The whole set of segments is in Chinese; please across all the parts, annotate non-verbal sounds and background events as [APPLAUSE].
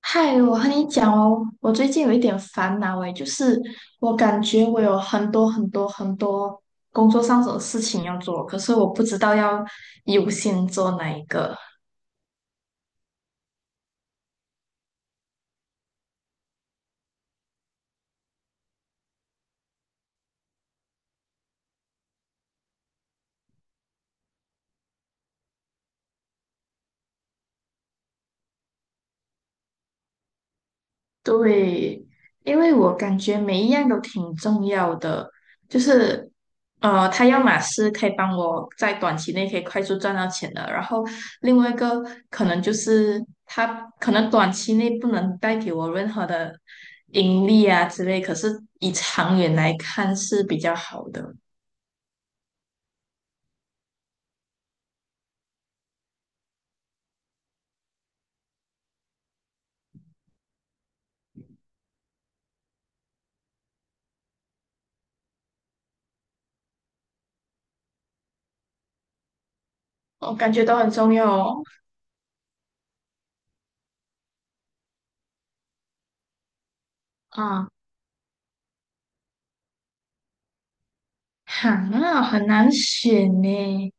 嗨，我和你讲哦，我最近有一点烦恼诶，就是我感觉我有很多工作上的事情要做，可是我不知道要优先做哪一个。对，因为我感觉每一样都挺重要的，就是他要么是可以帮我在短期内可以快速赚到钱的，然后另外一个可能就是他可能短期内不能带给我任何的盈利啊之类，可是以长远来看是比较好的，我感觉都很重要哦。啊，好啊，很难选呢。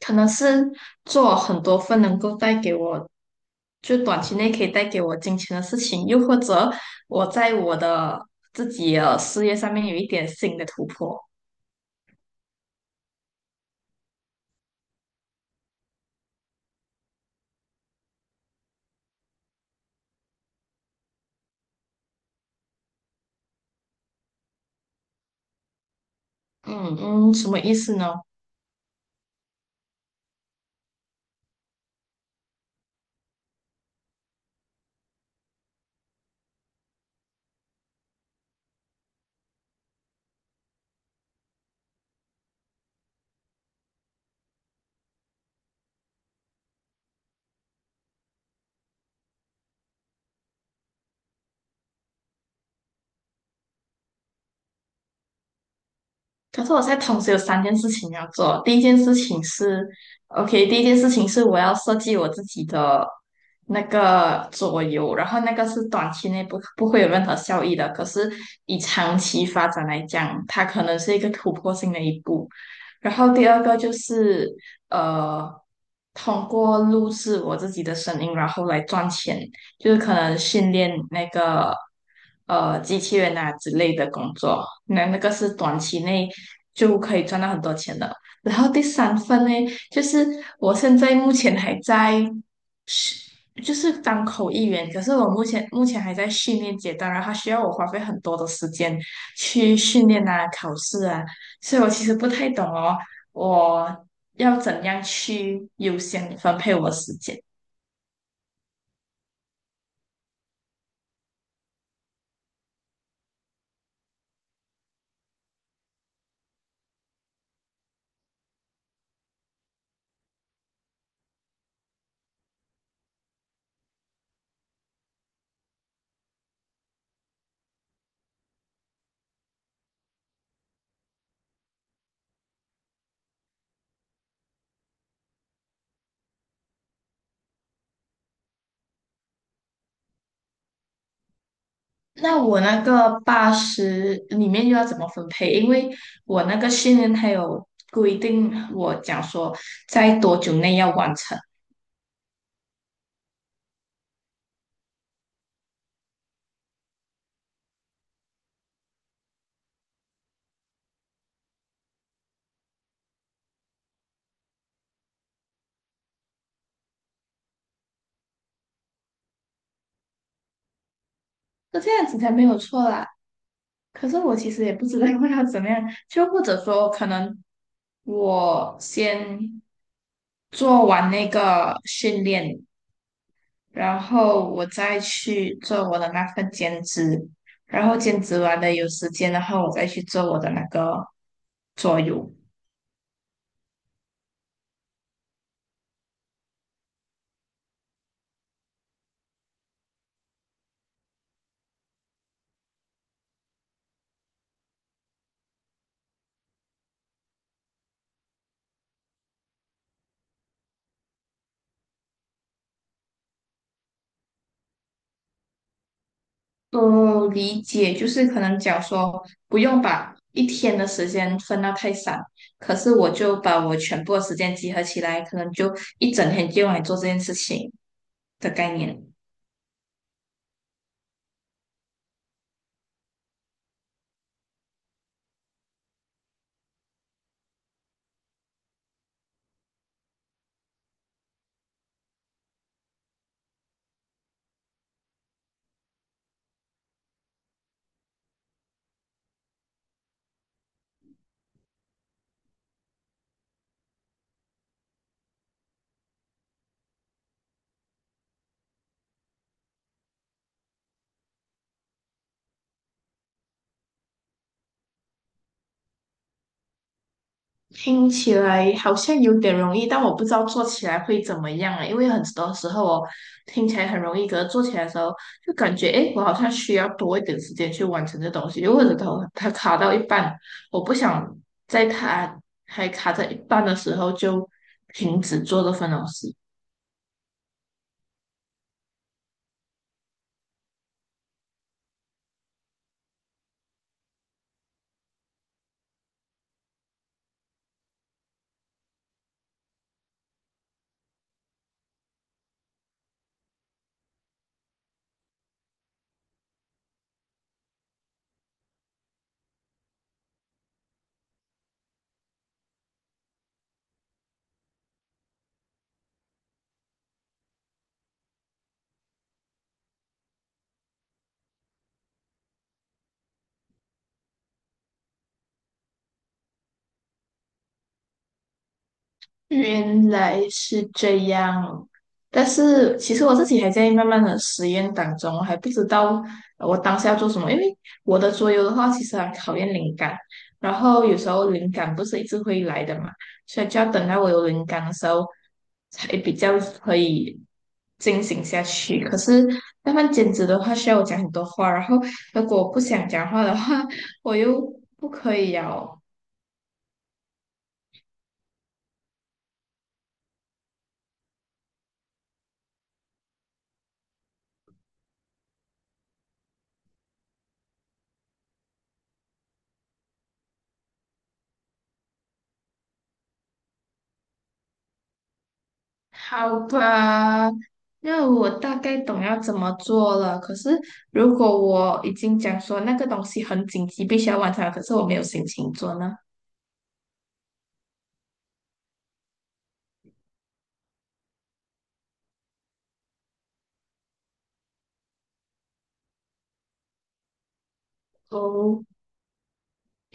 可能是做很多份能够带给我，就短期内可以带给我金钱的事情，又或者我在我的自己的事业上面有一点新的突破。嗯嗯，什么意思呢？可是我现在同时有三件事情要做。第一件事情是，OK，第一件事情是我要设计我自己的那个左右，然后那个是短期内不会有任何效益的，可是以长期发展来讲，它可能是一个突破性的一步。然后第二个就是呃，通过录制我自己的声音，然后来赚钱。就是可能训练那个机器人啊之类的工作，那个是短期内就可以赚到很多钱的。然后第三份呢，就是我现在目前还在就是当口译员，可是我目前还在训练阶段，然后它需要我花费很多的时间去训练啊、考试啊，所以我其实不太懂哦，我要怎样去优先分配我的时间。那我那个八十里面又要怎么分配？因为我那个训练还有规定，我讲说在多久内要完成，那这样子才没有错啦。可是我其实也不知道 [LAUGHS] 要怎么样，就或者说可能我先做完那个训练，然后我再去做我的那份兼职，然后兼职完了有时间，的话，我再去做我的那个桌游。哦，理解，就是可能讲说不用把一天的时间分到太散，可是我就把我全部的时间集合起来，可能就一整天就用来做这件事情的概念。听起来好像有点容易，但我不知道做起来会怎么样啊，因为很多时候哦，听起来很容易，可是做起来的时候就感觉，诶，我好像需要多一点时间去完成这东西，又或者它卡到一半，我不想在它还卡在一半的时候就停止做这份东西。原来是这样，但是其实我自己还在慢慢的实验当中，我还不知道我当下要做什么。因为我的桌游的话，其实很考验灵感，然后有时候灵感不是一直会来的嘛，所以就要等到我有灵感的时候，才比较可以进行下去。可是慢慢兼职的话，需要我讲很多话，然后如果我不想讲话的话，我又不可以哦。[LAUGHS] 好吧，那我大概懂要怎么做了。可是如果我已经讲说那个东西很紧急，必须要完成了可是我没有心情做呢？哦，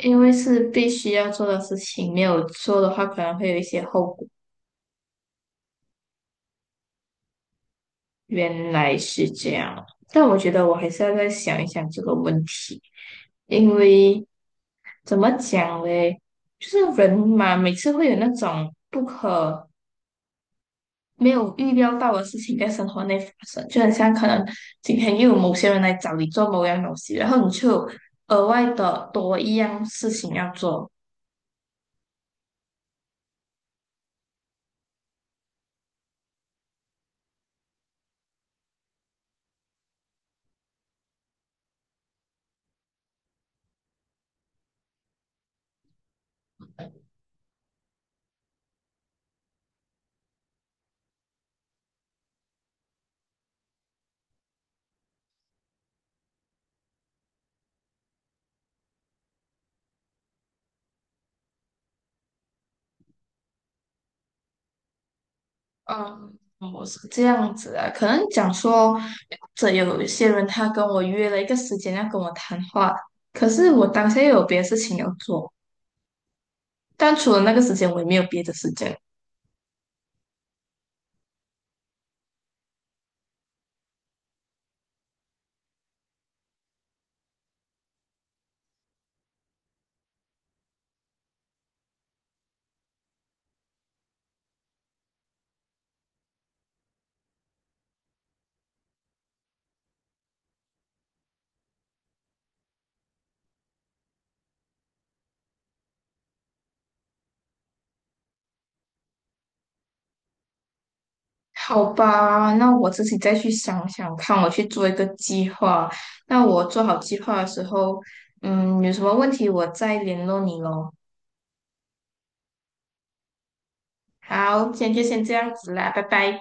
因为是必须要做的事情，没有做的话可能会有一些后果。原来是这样，但我觉得我还是要再想一想这个问题，因为怎么讲嘞？就是人嘛，每次会有那种不可。没有预料到的事情在生活内发生，就很像可能今天又有某些人来找你做某样东西，然后你就有额外的多一样事情要做。嗯，我是这样子啊，可能讲说，这有一些人他跟我约了一个时间要跟我谈话，可是我当下又有别的事情要做，但除了那个时间，我也没有别的时间。好吧，那我自己再去想想看，我去做一个计划。那我做好计划的时候，嗯，有什么问题我再联络你喽。好，今天就先这样子啦，拜拜。